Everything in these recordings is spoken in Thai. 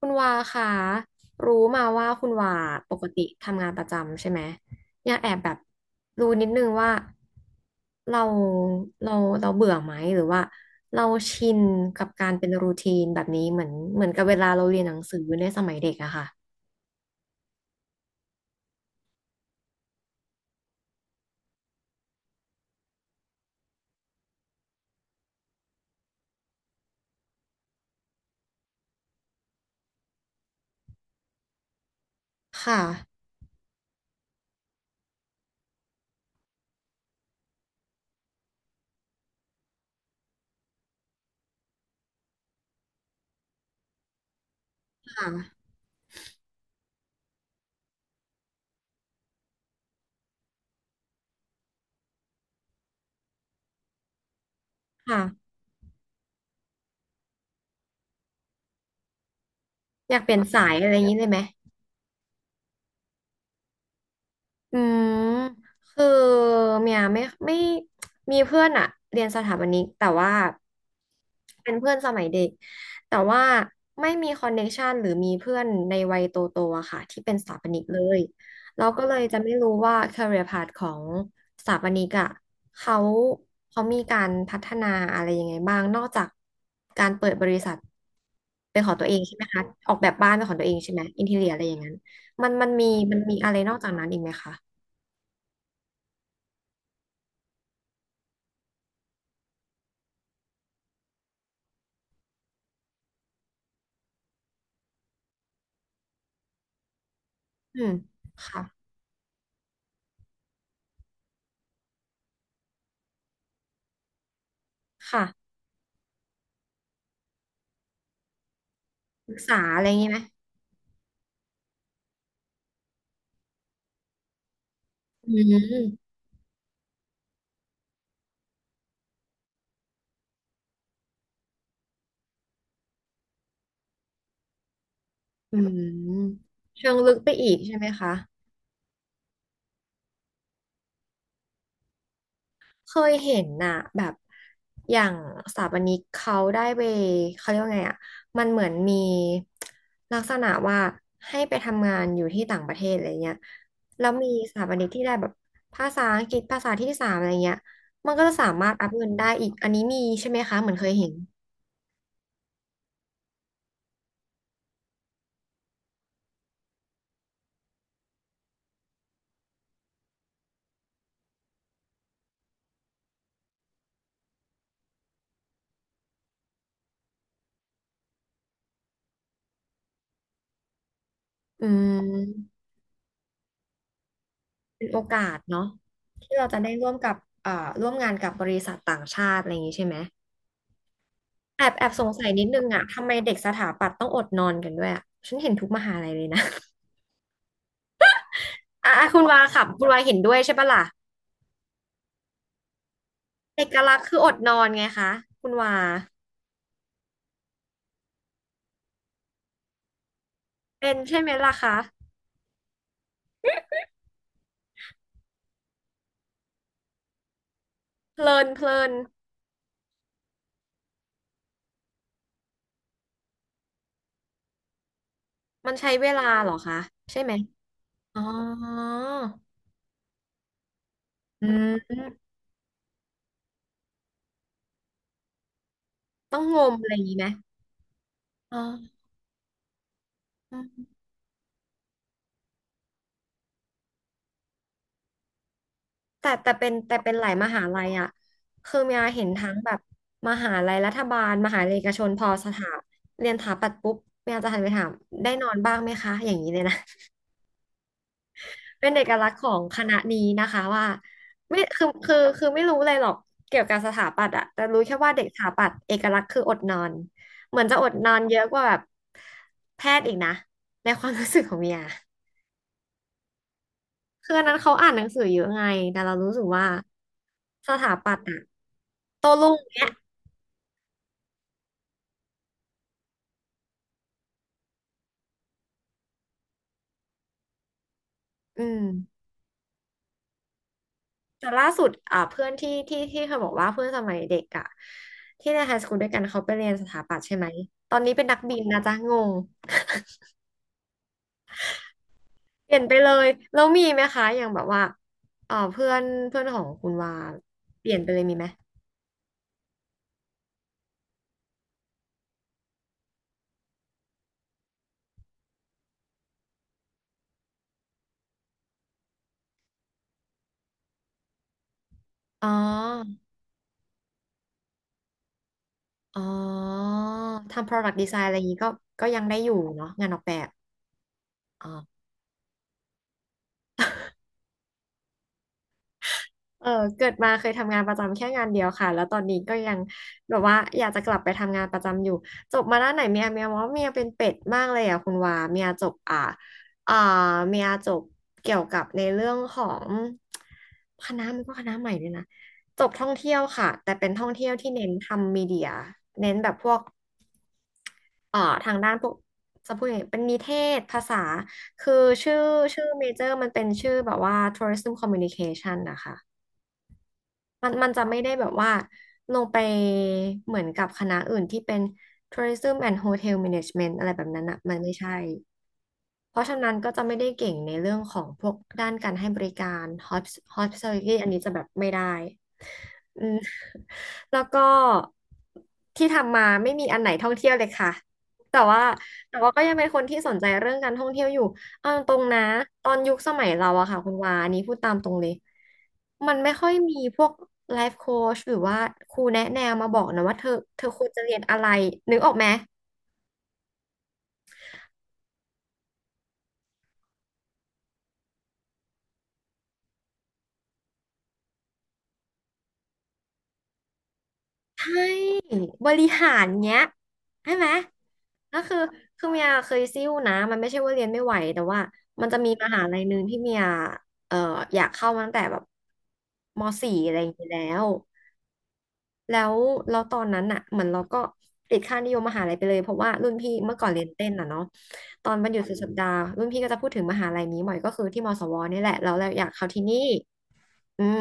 คุณวาค่ะรู้มาว่าคุณวาปกติทำงานประจำใช่ไหมอยากแอบแบบรู้นิดนึงว่าเราเราเราเบื่อไหมหรือว่าเราชินกับการเป็นรูทีนแบบนี้เหมือนกับเวลาเราเรียนหนังสือในสมัยเด็กอะค่ะค่ะค่ะค่ะอยากเปลี่ยนสายอะไรอย่างนี้เลยไหม อืมคือเมียไม่ไม่มีเพื่อนอะเรียนสถาปนิกแต่ว่าเป็นเพื่อนสมัยเด็กแต่ว่าไม่มีคอนเน c t ชันหรือมีเพื่อนในวัยโตโตอะค่ะที่เป็นสถาปนิกเลยเราก็เลยจะไม่รู้ว่า career path ของสถาปนิกอะเขาเขามีการพัฒนาอะไรยังไงบ้างนอกจากการเปิดบริษัทเป็นของตัวเองใช่ไหมคะออกแบบบ้านเป็นของตัวเองใช่ไหมอินทีเรียอะไรอย่างนั้นมันมันมีมันมีอะไรนอกจากนั้นอีกไหมคะ อืมค่ะค่ะศึกษาอะไรอย่างนี้ไหมอืมอืมเชิงลึกไปอีกใช่ไหมคะเคยเห็นน่ะแบบอย่างสถาปนิกเขาได้ไปเขาเรียกว่าไงอ่ะมันเหมือนมีลักษณะว่าให้ไปทำงานอยู่ที่ต่างประเทศอะไรเงี้ยแล้วมีสถาปนิกที่ได้แบบภาษาอังกฤษภาษาที่สามอะไรเงี้ยมันก็จะสามารถอัพเงินได้อีกอันนี้มีใช่ไหมคะเหมือนเคยเห็นอืม เป็นโอกาสเนาะที่เราจะได้ร่วมกับเอ่อร่วมงานกับบริษัทต่างชาติอะไรอย่างนี้ใช่ไหมแอบแอบสงสัยนิดนึงอะทำไมเด็กสถาปัตย์ต้องอดนอนกันด้วยอะฉันเห็นทุกมหาลัยเลยนะ อ่ะอ่ะคุณวาค่ะคุณวาเห็นด้วยใช่ปะล่ะเอกลักษณ์คืออดนอนไงคะคุณวาเป็นใช่ไหมล่ะคะเพลินเพลินมันใช้เวลาเหรอคะใช่ไหมอ๋ออืมต้องงมอะไรอย่างนี้ไหมอ๋อ แต่เป็นหลายมหาลัยอ่ะคือเมียเห็นทั้งแบบมหาลัยรัฐบาลมหาลัยเอกชนพอสถาเรียนสถาปัตย์ปุ๊บเมียจะหันไปถามได้นอนบ้างไหมคะอย่างนี้เลยนะ เป็นเอกลักษณ์ของคณะนี้นะคะว่าไม่คือไม่รู้เลยหรอกเกี่ยวกับสถาปัตย์อะแต่รู้แค่ว่าเด็กสถาปัตย์เอกลักษณ์คืออดนอนเหมือนจะอดนอนเยอะกว่าแบบแพทย์อีกนะในความรู้สึกของเมียคืออันนั้นเขาอ่านหนังสือเยอะไงแต่เรารู้สึกว่าสถาปัตย์อะโต้รุ่งเนี้ย อืมแต่ล่าสุดอ่าเพื่อนที่เคยบอกว่าเพื่อนสมัยเด็กอะที่ในไฮสคูลด้วยกันเขาไปเรียนสถาปัตย์ใช่ไหมตอนนี้เป็นนักบินนะจ๊ะงงเปลี่ยนไปเลยแล้วมีไหมคะอย่างแบบว่าเอ่าเพื่อนเพื่อนของคุณว่าเปลี่ยนไปเลยมีไหมอ๋ออ๋อทำ product design อะไรอย่างนี้ก็ก็ยังได้อยู่เนาะงานออกแบบอ๋อ เออเกิดมาเคยทำงานประจำแค่งานเดียวค่ะแล้วตอนนี้ก็ยังแบบว่าอยากจะกลับไปทำงานประจำอยู่จบมาด้านไหนเมียมองว่าเมียเป็นเป็ดมากเลยอ่ะคุณวาเมียจบอ่าเมียจบเกี่ยวกับในเรื่องของคณะมันก็คณะใหม่เลยนะจบท่องเที่ยวค่ะแต่เป็นท่องเที่ยวที่เน้นทำมีเดียเน้นแบบพวกเอ่อทางด้านพวกจะพูดยังไงเป็นนิเทศภาษาคือชื่อชื่อเมเจอร์มันเป็นชื่อแบบว่า Tourism Communication นะคะ มันมันจะไม่ได้แบบว่าลงไปเหมือนกับคณะอื่นที่เป็น Tourism and Hotel Management อะไรแบบนั้นอ่ะมันไม่ใช่ เพราะฉะนั้นก็จะไม่ได้เก่งในเรื่องของพวกด้านการให้บริการ Hosp- Hospitality อันนี้จะแบบไม่ได้ อืม แล้วก็ที่ทำมาไม่มีอันไหนท่องเที่ยวเลยค่ะแต่ว่าแต่ว่าก็ยังเป็นคนที่สนใจเรื่องการท่องเที่ยวอยู่เอาตรงๆนะตอนยุคสมัยเราอะค่ะคุณวาอันนี้พูดตามตรงเลยมันไม่ค่อยมีพวกไลฟ์โค้ชหรือว่าครูแนะแนวมาบอกนะว่าเธอควรจะเรียนอะไรนึกออกไหม ใช่บริหารเงี้ยใช่ไหมก็คือเมียเคยซิ่วนะมันไม่ใช่ว่าเรียนไม่ไหวแต่ว่ามันจะมีมหาลัยหนึ่งที่เมียเอ่ออยากเข้ามาตั้งแต่แบบม.4อะไรอย่างนี้ยแล้วเราตอนนั้นอะเหมือนเราก็ติดค่านิยมมหาลัยไปเลยเพราะว่ารุ่นพี่เมื่อก่อนเรียนเต้นอ่ะเนาะตอนวันหยุดสุดสัปดาห์รุ่นพี่ก็จะพูดถึงมหาลัยนี้บ่อยก็คือที่มศวนี่แหละแล้วเราอยากเข้าที่นี่ อืม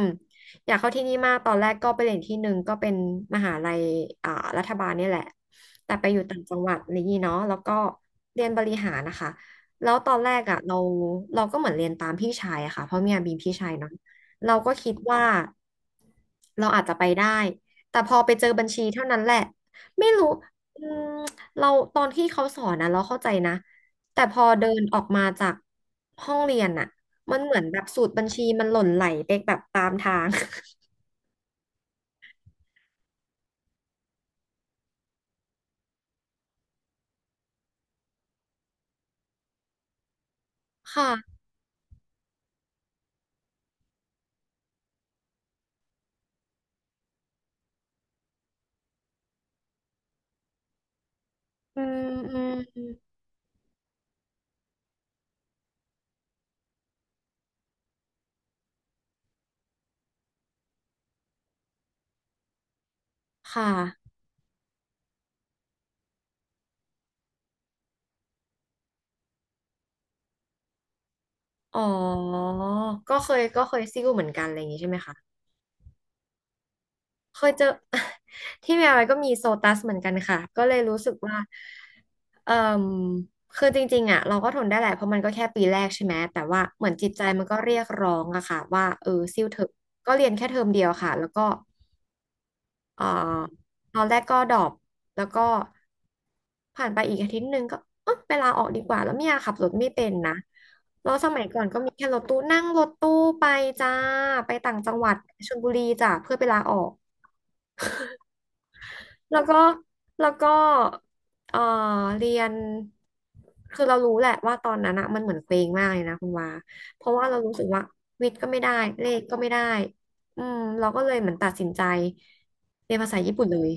อยากเข้าที่นี่มากตอนแรกก็ไปเรียนที่หนึ่งก็เป็นมหาลัยอ่ารัฐบาลเนี่ยแหละแต่ไปอยู่ต่างจังหวัดนี่างงี้เนาะแล้วก็เรียนบริหารนะคะแล้วตอนแรกอ่ะเราก็เหมือนเรียนตามพี่ชายอะค่ะเพราะเมีอาบีมพี่ชายเนาะเราก็คิดว่าเราอาจจะไปได้แต่พอไปเจอบัญชีเท่านั้นแหละไม่รู้อืมเราตอนที่เขาสอนนะเราเข้าใจนะแต่พอเดินออกมาจากห้องเรียนอะ มันเหมือนแบบสูตรบัญชีมันหล่นไหลไปแบบตามทาง ค่ะอืมอืมอืมค่ะอ๋อก็เคยซิ่วเหมือนกันอะไรอย่างงี้ใช่ไหมคะ เคยเจอ ที่เมียไว้ก็มีโซตัสเหมือนกันค่ะ ก็เลยรู้สึกว่าเอ่มคือจริงๆอ่ะเราก็ทนได้แหละเพราะมันก็แค่ปีแรกใช่ไหม แต่ว่าเหมือนจิตใจมันก็เรียกร้องอะค่ะว่าเออซิ่วเถอะก็เรียนแค่เทอมเดียวค่ะแล้วก็ เอ่อตอนแรกก็ดรอปแล้วก็ผ่านไปอีกอาทิตย์หนึ่งก็เออไปลาออกดีกว่าแล้วเมียขับรถไม่เป็นนะแล้วสมัยก่อนก็มีแค่รถตู้นั่งรถตู้ไปจ้าไปต่างจังหวัดชลบุรีจ้าเพื่อไปลาออกแล้วก็แล้วก็เอ่อเรียนคือเรารู้แหละว่าตอนนั้นอะมันเหมือนเคว้งมากเลยนะคุณวาเพราะว่าเรารู้สึกว่าวิทย์ก็ไม่ได้เลขก็ไม่ได้เราก็เลยเหมือนตัดสินใจเรียนภาษาญี่ปุ่นเลย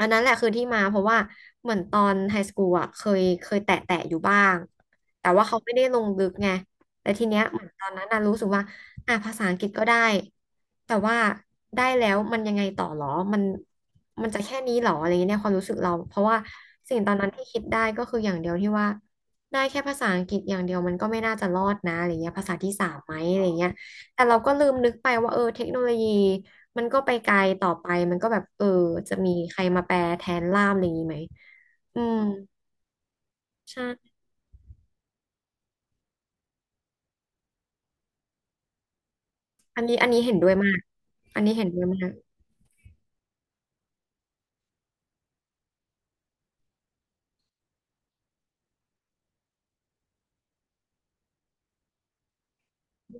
อันนั้นแหละคือที่มาเพราะว่าเหมือนตอนไฮสคูลอ่ะเคยแตะแตะอยู่บ้างแต่ว่าเขาไม่ได้ลงลึกไงแต่ทีเนี้ยเหมือนตอนนั้นน่ะรู้สึกว่าอ่ะภาษาอังกฤษก็ได้แต่ว่าได้แล้วมันยังไงต่อหรอมันมันจะแค่นี้หรออะไรเงี้ยเนี่ยความรู้สึกเราเพราะว่าสิ่งตอนนั้นที่คิดได้ก็คืออย่างเดียวที่ว่าได้แค่ภาษาอังกฤษอย่างเดียวมันก็ไม่น่าจะรอดนะอะไรเงี้ยภาษาที่สามไหมอะไรเงี้ย แต่เราก็ลืมนึกไปว่าเออเทคโนโลยีมันก็ไปไกลต่อไปมันก็แบบเออจะมีใครมาแปลแทนล่ามอะไรอย่างนี้ไหมอืมใช่อันนี้อันนี้เห็นด้วยมากอันนี้เห็นด้วยมาก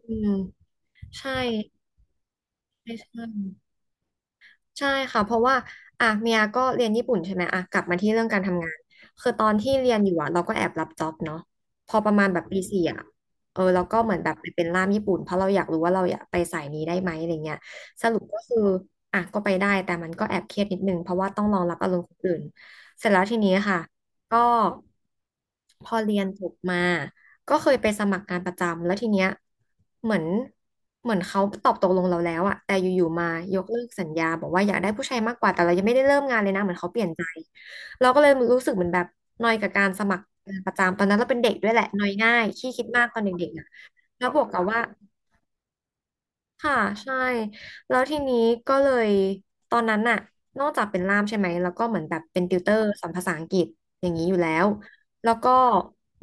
อืมใช่ใช่ใช่ ใช่ค่ะเพราะว่าอ่ะเมียก็เรียนญี่ปุ่นใช่ไหมอ่ะกลับมาที่เรื่องการทำงานคือตอนที่เรียนอยู่อ่ะเราก็แอบรับจ็อบเนาะพอประมาณแบบปีสี่อ่ะเออเราก็เหมือนแบบไปเป็นล่ามญี่ปุ่นเพราะเราอยากรู้ว่าเราอยากไปสายนี้ได้ไหมอะไรเงี้ยสรุปก็คืออ่ะก็ไปได้แต่มันก็แอบเครียดนิดนึงเพราะว่าต้องรองรับอารมณ์คนอื่นเสร็จแล้วทีนี้ค่ะก็พอเรียนจบมา ก็เคยไปสมัครงานประจำแล้วทีเนี้ยเหมือนเหมือนเขาตอบตกลงเราแล้วอะแต่อยู่ๆมายกเลิกสัญญาบอกว่าอยากได้ผู้ชายมากกว่าแต่เรายังไม่ได้เริ่มงานเลยนะเหมือนเขาเปลี่ยนใจเราก็เลยรู้สึกเหมือนแบบนอยกับการสมัครงานประจำตอนนั้นเราเป็นเด็กด้วยแหละนอยง่ายขี้คิดมากตอนเด็กๆอะแล้วบวกกับว่า ค่ะใช่แล้วทีนี้ก็เลยตอนนั้นน่ะนอกจากเป็นล่ามใช่ไหมแล้วก็เหมือนแบบเป็นติวเตอร์สอนภาษาอังกฤษอย่างนี้อยู่แล้วแล้วก็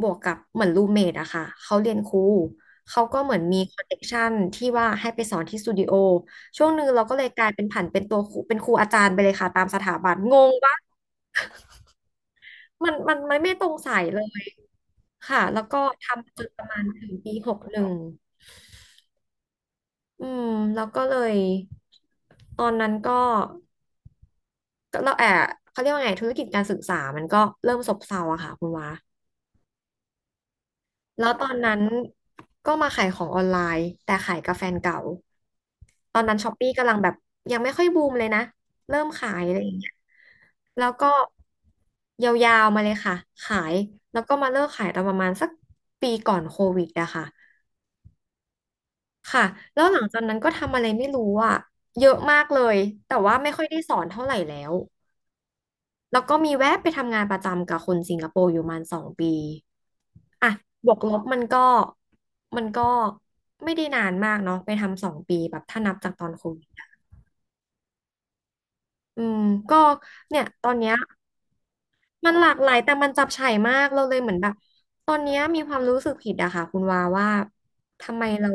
บวกกับเหมือนรูเมทอะค่ะเขาเรียนครูเขาก็เหมือนมีคอนเนคชันที่ว่าให้ไปสอนที่สตูดิโอช่วงหนึ่งเราก็เลยกลายเป็นผันเป็นตัวครูเป็นครูอาจารย์ไปเลยค่ะตามสถาบันงงปะมันไม่ตรงสายเลยค่ะแล้วก็ทำจนประมาณถึงปีหกหนึ่งอืมแล้วก็เลยตอนนั้นก็เราแอบเขาเรียกว่าไงธุรกิจการศึกษามันก็เริ่มซบเซาอะค่ะคุณวาแล้วตอนนั้นก็มาขายของออนไลน์แต่ขายกับแฟนเก่าตอนนั้นช้อปปี้กำลังแบบยังไม่ค่อยบูมเลยนะเริ่มขายอะไรอย่างเงี้ยแล้วก็ยาวๆมาเลยค่ะขายแล้วก็มาเลิกขายตอนประมาณสักปีก่อนโควิดอะค่ะค่ะแล้วหลังจากนั้นก็ทำอะไรไม่รู้อะเยอะมากเลยแต่ว่าไม่ค่อยได้สอนเท่าไหร่แล้วแล้วก็มีแวะไปทำงานประจำกับคนสิงคโปร์อยู่ประมาณสองปี อ่ะบวกลบมันก็ไม่ได้นานมากเนาะไปทำสองปีแบบถ้านับจากตอนโควิดอะอืมก็เนี่ยตอนเนี้ยมันหลากหลายแต่มันจับฉ่ายมากเราเลยเหมือนแบบตอนเนี้ยมีความรู้สึกผิดอะค่ะคุณวาว่าทำไมเรา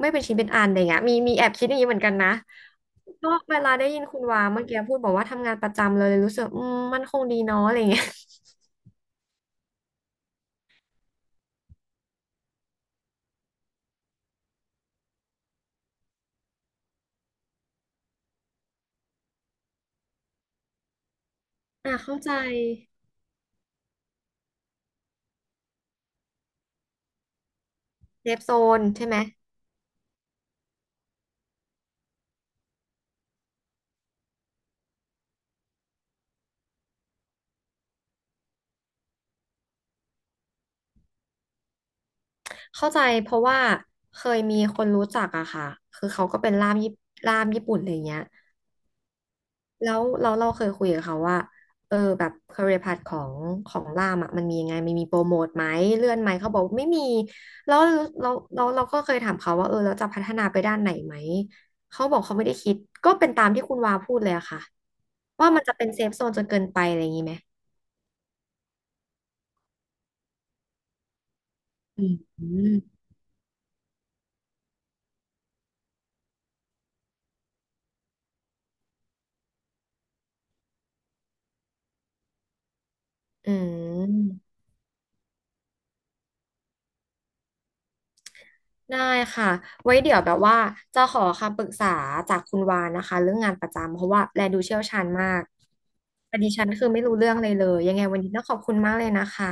ไม่เป็นชิ้นเป็นอันอะไรเงี้ยมีแอบคิดอย่างนี้เหมือนกันนะก็เวลาได้ยินคุณวาเมื่อกี้พูดบอกว่าทำงานประจำเลยรู้สึกมันคงดีเนาะอะไรเงี้ยอ่ะเข้าใจเซฟโซนใช่ไหม เข้าใจเพราะว่าเคยมีคนรู้จักอะค่ะคือเขาก็เป็นล่ามญี่ปุ่นอะไรเงี้ยแล้วเราเคยคุยกับเขาว่าเออแบบ career path ของล่ามอะมันมียังไงมันมีโปรโมทไหมเลื่อนไหมเขาบอกไม่มีแล้วเราก็เคยถามเขาว่าเออเราจะพัฒนาไปด้านไหนไหมเขาบอกเขาไม่ได้คิดก็เป็นตามที่คุณวาพูดเลยอะค่ะว่ามันจะเป็นเซฟโซนจนเกินไปอะไรอย่างนี้ไหมอืมอืม ได้ค่ะไว้เดี๋ยวแบบว่าจะขอคำปรึกษาจากคุณวานนะคะเรื่องงานประจำเพราะว่าแลดูเชี่ยวชาญมากแต่ดิฉันคือไม่รู้เรื่องเลยยังไงวันนี้ต้องขอบคุณมากเลยนะคะ